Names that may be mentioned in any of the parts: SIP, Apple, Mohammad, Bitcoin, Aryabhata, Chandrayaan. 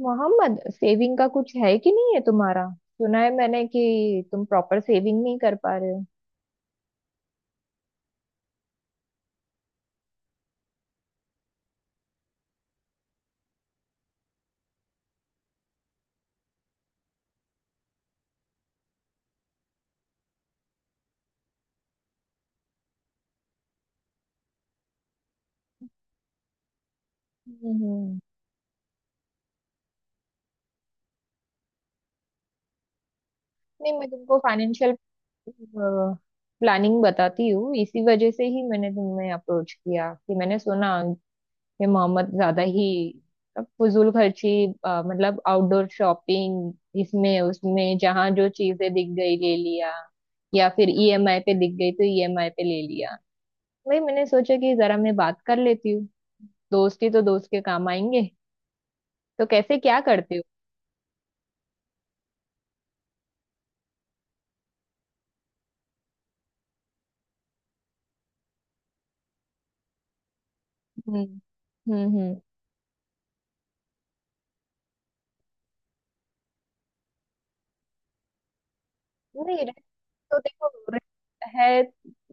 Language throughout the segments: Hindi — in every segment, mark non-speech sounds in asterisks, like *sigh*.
मोहम्मद, सेविंग का कुछ है कि नहीं है तुम्हारा। सुना है मैंने कि तुम प्रॉपर सेविंग नहीं कर पा रहे हो। हम्म हम्म। नहीं, मैं तुमको फाइनेंशियल प्लानिंग बताती हूँ। इसी वजह से ही मैंने तुम्हें अप्रोच किया कि मैंने सुना कि मोहम्मद ज्यादा ही फजूल खर्ची, मतलब आउटडोर शॉपिंग, इसमें उसमें जहाँ जो चीजें दिख गई ले लिया या फिर ईएमआई पे दिख गई तो ईएमआई पे ले लिया। वही मैंने सोचा कि जरा मैं बात कर लेती हूँ, दोस्ती तो दोस्त के काम आएंगे। तो कैसे क्या करते हो? हम्म हम्म। नहीं rent, तो देखो rent है।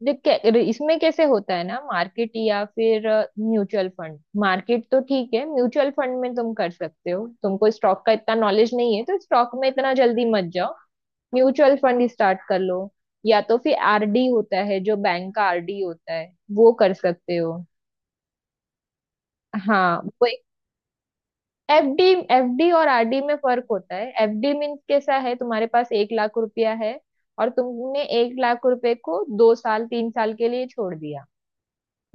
इसमें कैसे होता है ना मार्केट या फिर म्यूचुअल फंड। मार्केट तो ठीक है, म्यूचुअल फंड में तुम कर सकते हो। तुमको स्टॉक का इतना नॉलेज नहीं है तो स्टॉक में इतना जल्दी मत जाओ। म्यूचुअल फंड स्टार्ट कर लो, या तो फिर आरडी होता है, जो बैंक का आरडी होता है वो कर सकते हो। हाँ वो एफडी। एफडी और आरडी में फर्क होता है। एफडी मीन्स कैसा है, तुम्हारे पास 1,00,000 रुपया है और तुमने 1,00,000 रुपए को 2 साल 3 साल के लिए छोड़ दिया,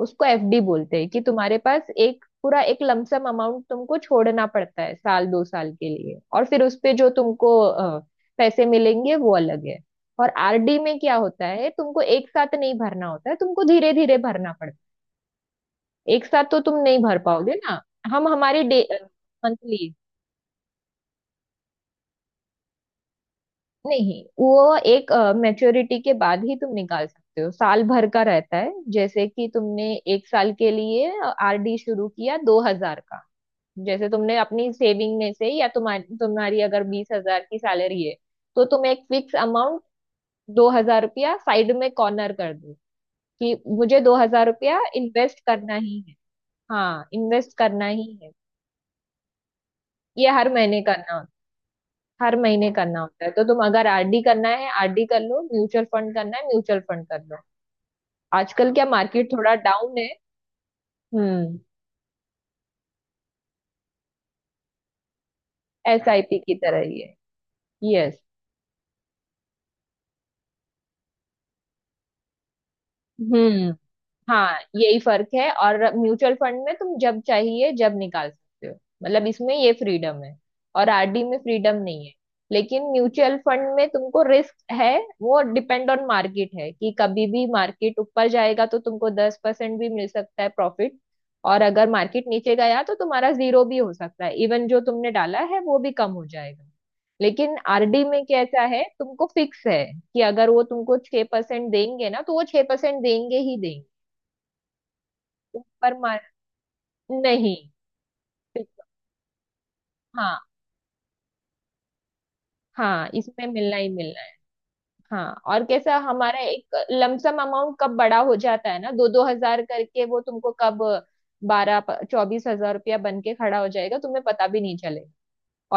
उसको एफडी बोलते हैं। कि तुम्हारे पास एक पूरा एक लमसम अमाउंट तुमको छोड़ना पड़ता है साल 2 साल के लिए, और फिर उस पे जो तुमको पैसे मिलेंगे वो अलग है। और आरडी में क्या होता है, तुमको एक साथ नहीं भरना होता है, तुमको धीरे धीरे भरना पड़ता है। एक साथ तो तुम नहीं भर पाओगे ना। हम हमारी मंथली। नहीं वो एक मैच्योरिटी के बाद ही तुम निकाल सकते हो, साल भर का रहता है। जैसे कि तुमने एक साल के लिए आरडी शुरू किया 2,000 का। जैसे तुमने अपनी सेविंग में से, या तुम्हारी तुम्हारी अगर 20,000 की सैलरी है तो तुम एक फिक्स अमाउंट 2,000 रुपया साइड में कॉर्नर कर दो कि मुझे 2,000 रुपया इन्वेस्ट करना ही है। हाँ इन्वेस्ट करना ही है, ये हर महीने करना होता है। हर महीने करना होता है। तो तुम अगर आरडी करना है आरडी कर लो, म्यूचुअल फंड करना है म्यूचुअल फंड कर लो। आजकल क्या मार्केट थोड़ा डाउन है। हम्म। एसआईपी की तरह ही है। यस। हम्म। हाँ यही फर्क है, और म्यूचुअल फंड में तुम जब चाहिए जब निकाल सकते हो, मतलब इसमें ये फ्रीडम है। और आरडी में फ्रीडम नहीं है। लेकिन म्यूचुअल फंड में तुमको रिस्क है, वो डिपेंड ऑन मार्केट है। कि कभी भी मार्केट ऊपर जाएगा तो तुमको 10% भी मिल सकता है प्रॉफिट। और अगर मार्केट नीचे गया तो तुम्हारा जीरो भी हो सकता है, इवन जो तुमने डाला है वो भी कम हो जाएगा। लेकिन आरडी में कैसा है, तुमको फिक्स है। कि अगर वो तुमको 6% देंगे ना तो वो छह परसेंट देंगे ही देंगे। ऊपर मार नहीं। बिल्कुल, हाँ। हाँ इसमें मिलना ही मिलना है। हाँ और कैसा, हमारा एक लमसम अमाउंट कब बड़ा हो जाता है ना, 2-2 हजार करके वो तुमको कब 12-24 हजार रुपया बन के खड़ा हो जाएगा तुम्हें पता भी नहीं चलेगा।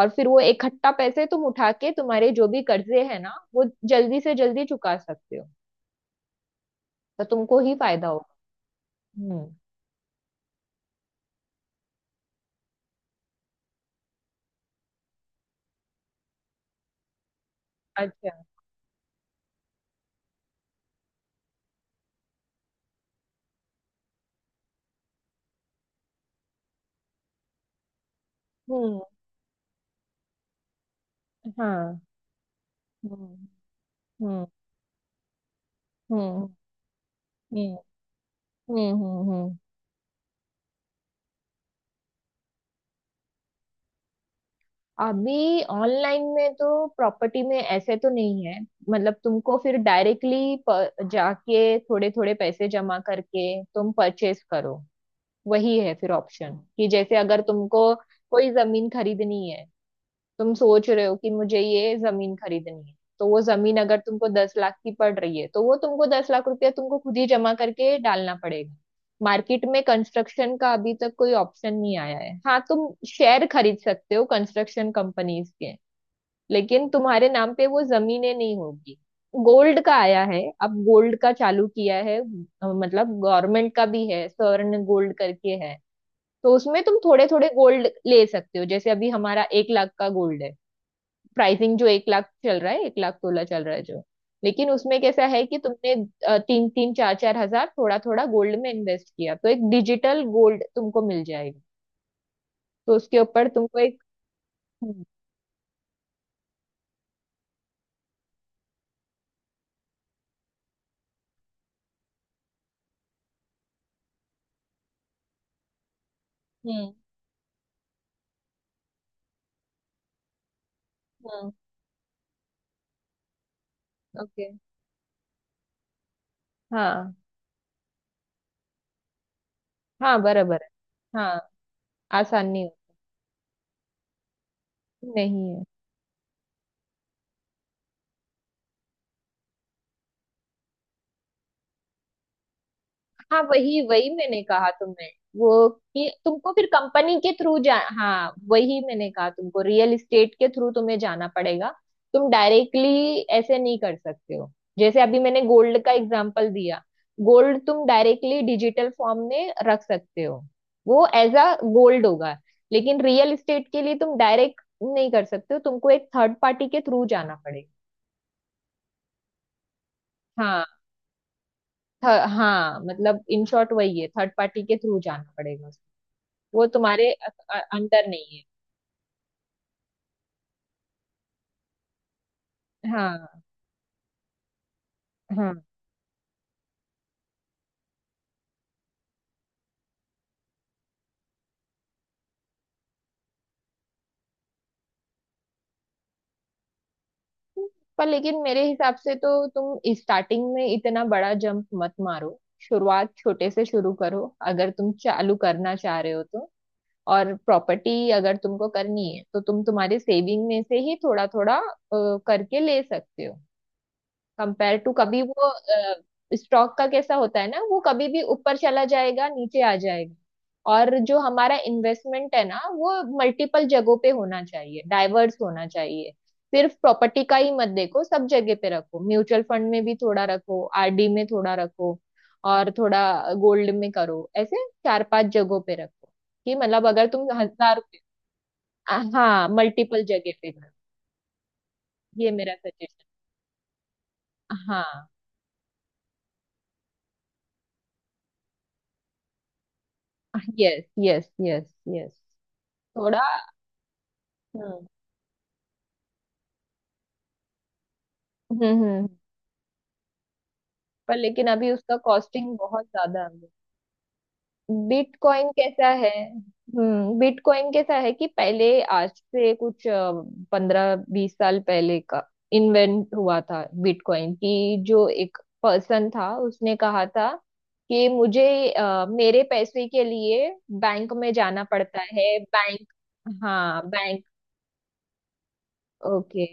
और फिर वो इकट्ठा पैसे तुम उठा के तुम्हारे जो भी कर्जे है ना वो जल्दी से जल्दी चुका सकते हो, तो तुमको ही फायदा होगा। हम्म। अच्छा। हम्म। हाँ। हम्म हम्म हम्म हम्म। हम्म हम्म हम्म, अभी ऑनलाइन में तो प्रॉपर्टी में ऐसे तो नहीं है। मतलब तुमको फिर डायरेक्टली जाके थोड़े थोड़े पैसे जमा करके तुम परचेस करो, वही है फिर ऑप्शन। कि जैसे अगर तुमको कोई जमीन खरीदनी है, तुम सोच रहे हो कि मुझे ये जमीन खरीदनी है तो वो जमीन अगर तुमको 10,00,000 की पड़ रही है तो वो तुमको 10,00,000 रुपया तुमको खुद ही जमा करके डालना पड़ेगा। मार्केट में कंस्ट्रक्शन का अभी तक कोई ऑप्शन नहीं आया है। हाँ तुम शेयर खरीद सकते हो कंस्ट्रक्शन कंपनीज के, लेकिन तुम्हारे नाम पे वो जमीनें नहीं होगी। गोल्ड का आया है, अब गोल्ड का चालू किया है। मतलब गवर्नमेंट का भी है, स्वर्ण गोल्ड करके है। तो उसमें तुम थोड़े थोड़े गोल्ड ले सकते हो। जैसे अभी हमारा 1,00,000 का गोल्ड है, प्राइसिंग जो 1,00,000 चल रहा है, 1,00,016 चल रहा है जो। लेकिन उसमें कैसा है कि तुमने 3-3, 4-4 हजार थोड़ा थोड़ा गोल्ड में इन्वेस्ट किया तो एक डिजिटल गोल्ड तुमको मिल जाएगा। तो उसके ऊपर तुमको एक, हम्म हम्म। ओके। हाँ। हाँ बराबर है। हाँ आसान नहीं। नहीं है। हाँ वही वही मैंने कहा तुम्हें वो, कि तुमको फिर कंपनी के थ्रू जा, हाँ वही मैंने कहा तुमको रियल इस्टेट के थ्रू तुम्हें जाना पड़ेगा। तुम डायरेक्टली ऐसे नहीं कर सकते हो। जैसे अभी मैंने गोल्ड का एग्जांपल दिया, गोल्ड तुम डायरेक्टली डिजिटल फॉर्म में रख सकते हो, वो एज अ गोल्ड होगा। लेकिन रियल इस्टेट के लिए तुम डायरेक्ट नहीं कर सकते हो, तुमको एक थर्ड पार्टी के थ्रू जाना पड़ेगा। हाँ, हाँ मतलब इन शॉर्ट वही है, थर्ड पार्टी के थ्रू जाना पड़ेगा, वो तुम्हारे अंडर नहीं है। हाँ। हाँ। पर लेकिन मेरे हिसाब से तो तुम स्टार्टिंग में इतना बड़ा जंप मत मारो। शुरुआत छोटे से शुरू करो अगर तुम चालू करना चाह रहे हो तो। और प्रॉपर्टी अगर तुमको करनी है तो तुम तुम्हारे सेविंग में से ही थोड़ा थोड़ा करके ले सकते हो। कंपेयर टू कभी वो स्टॉक का कैसा होता है ना, वो कभी भी ऊपर चला जाएगा नीचे आ जाएगा। और जो हमारा इन्वेस्टमेंट है ना वो मल्टीपल जगहों पे होना चाहिए, डाइवर्स होना चाहिए। सिर्फ प्रॉपर्टी का ही मत देखो, सब जगह पे रखो, म्यूचुअल फंड में भी थोड़ा रखो, आरडी में थोड़ा रखो, और थोड़ा गोल्ड में करो, ऐसे 4-5 जगहों पे रखो। कि मतलब अगर तुम 1,000 रुपये, हाँ मल्टीपल जगह पे करो। ये मेरा सजेशन। हाँ। Yes yes yes. यस। थोड़ा। हम्म। हम्म हम्म, पर लेकिन अभी उसका कॉस्टिंग बहुत ज्यादा है। बिटकॉइन कैसा है, हम्म, बिटकॉइन कैसा है कि पहले, आज से कुछ 15-20 साल पहले का इन्वेंट हुआ था बिटकॉइन। की जो एक पर्सन था उसने कहा था कि मुझे, मेरे पैसे के लिए बैंक में जाना पड़ता है, बैंक। हाँ बैंक। ओके।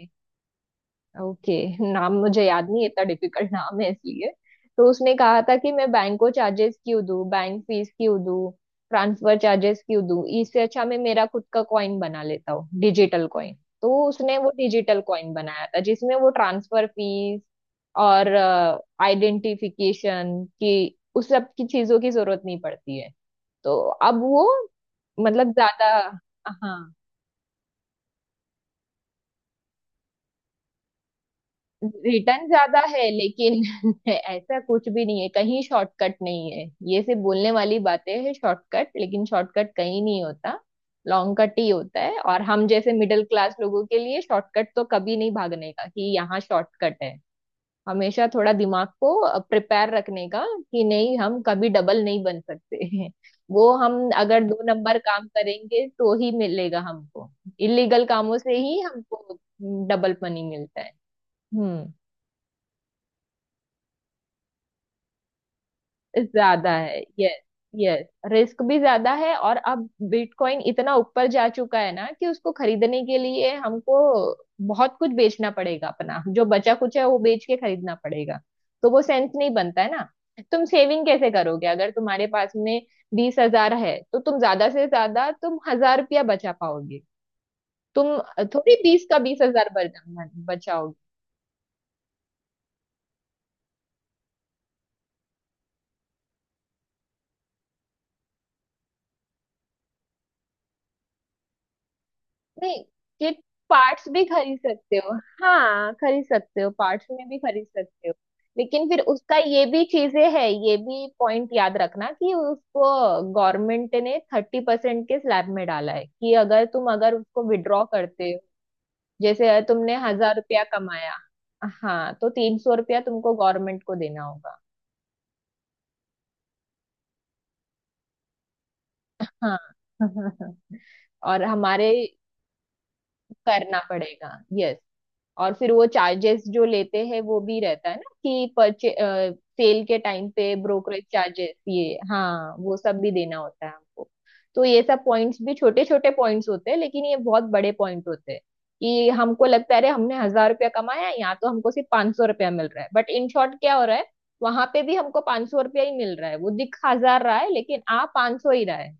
ओके। नाम मुझे याद नहीं है, इतना डिफिकल्ट नाम है इसलिए। तो उसने कहा था कि मैं बैंक को चार्जेस क्यों दूं, बैंक फीस क्यों दूं, ट्रांसफर चार्जेस क्यों दूं, इससे अच्छा मैं मेरा खुद का कॉइन बना लेता हूँ, डिजिटल कॉइन। तो उसने वो डिजिटल कॉइन बनाया था जिसमें वो ट्रांसफर फीस और आइडेंटिफिकेशन की, उस सब की चीजों की जरूरत नहीं पड़ती है। तो अब वो मतलब ज्यादा, हाँ रिटर्न ज्यादा है लेकिन *laughs* ऐसा कुछ भी नहीं है, कहीं शॉर्टकट नहीं है। ये सिर्फ बोलने वाली बातें हैं शॉर्टकट, लेकिन शॉर्टकट कहीं नहीं होता, लॉन्ग कट ही होता है। और हम जैसे मिडिल क्लास लोगों के लिए शॉर्टकट तो कभी नहीं, भागने का कि यहाँ शॉर्टकट है। हमेशा थोड़ा दिमाग को प्रिपेयर रखने का कि नहीं, हम कभी डबल नहीं बन सकते हैं। वो हम अगर दो नंबर काम करेंगे तो ही मिलेगा हमको, इलीगल कामों से ही हमको डबल मनी मिलता है। हम्म। ज्यादा है यस। यस। रिस्क भी ज्यादा है, और अब बिटकॉइन इतना ऊपर जा चुका है ना कि उसको खरीदने के लिए हमको बहुत कुछ बेचना पड़ेगा, अपना जो बचा कुछ है वो बेच के खरीदना पड़ेगा। तो वो सेंस नहीं बनता है ना। तुम सेविंग कैसे करोगे अगर तुम्हारे पास में 20,000 है, तो तुम ज्यादा से ज्यादा तुम 1,000 रुपया बचा पाओगे। तुम थोड़ी 20 का 20,000 बचाओगे। नहीं ये पार्ट्स भी खरीद सकते हो, हाँ खरीद सकते हो, पार्ट्स में भी खरीद सकते हो। लेकिन फिर उसका ये भी चीजें है, ये भी पॉइंट याद रखना कि उसको गवर्नमेंट ने 30% के स्लैब में डाला है। कि अगर तुम अगर उसको विड्रॉ करते हो, जैसे तुमने 1,000 रुपया कमाया, हाँ तो 300 रुपया तुमको गवर्नमेंट को देना होगा। हाँ *laughs* और हमारे, करना पड़ेगा यस। और फिर वो चार्जेस जो लेते हैं वो भी रहता है ना, कि परचे सेल के टाइम पे ब्रोकरेज चार्जेस, ये हाँ वो सब भी देना होता है हमको। तो ये सब पॉइंट्स भी, छोटे छोटे पॉइंट्स होते हैं लेकिन ये बहुत बड़े पॉइंट होते हैं। कि हमको लगता है अरे हमने 1,000 रुपया कमाया यहाँ तो हमको सिर्फ 500 रुपया मिल रहा है, बट इन शॉर्ट क्या हो रहा है, वहां पे भी हमको 500 रुपया ही मिल रहा है। वो दिख हजार रहा है लेकिन आ 500 ही रहा है।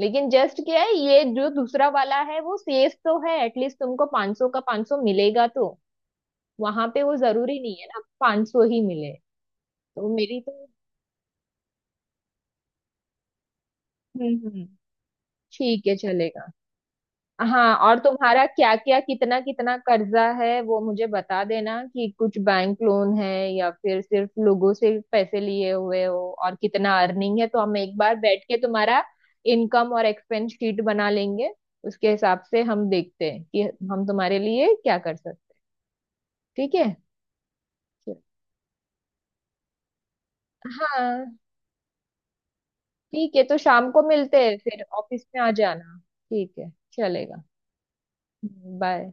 लेकिन जस्ट क्या है, ये जो दूसरा वाला है वो सेफ तो है, एटलीस्ट तुमको 500 का 500 मिलेगा तो। वहां पे वो जरूरी नहीं है ना पाँच सौ ही मिले। तो मेरी तो, हम्म, ठीक है चलेगा। हाँ और तुम्हारा क्या क्या कितना कितना कर्जा है वो मुझे बता देना, कि कुछ बैंक लोन है या फिर सिर्फ लोगों से पैसे लिए हुए हो, और कितना अर्निंग है, तो हम एक बार बैठ के तुम्हारा इनकम और एक्सपेंस शीट बना लेंगे। उसके हिसाब से हम देखते हैं कि हम तुम्हारे लिए क्या कर सकते। ठीक है। हाँ ठीक है तो शाम को मिलते हैं, फिर ऑफिस में आ जाना। ठीक है चलेगा। बाय।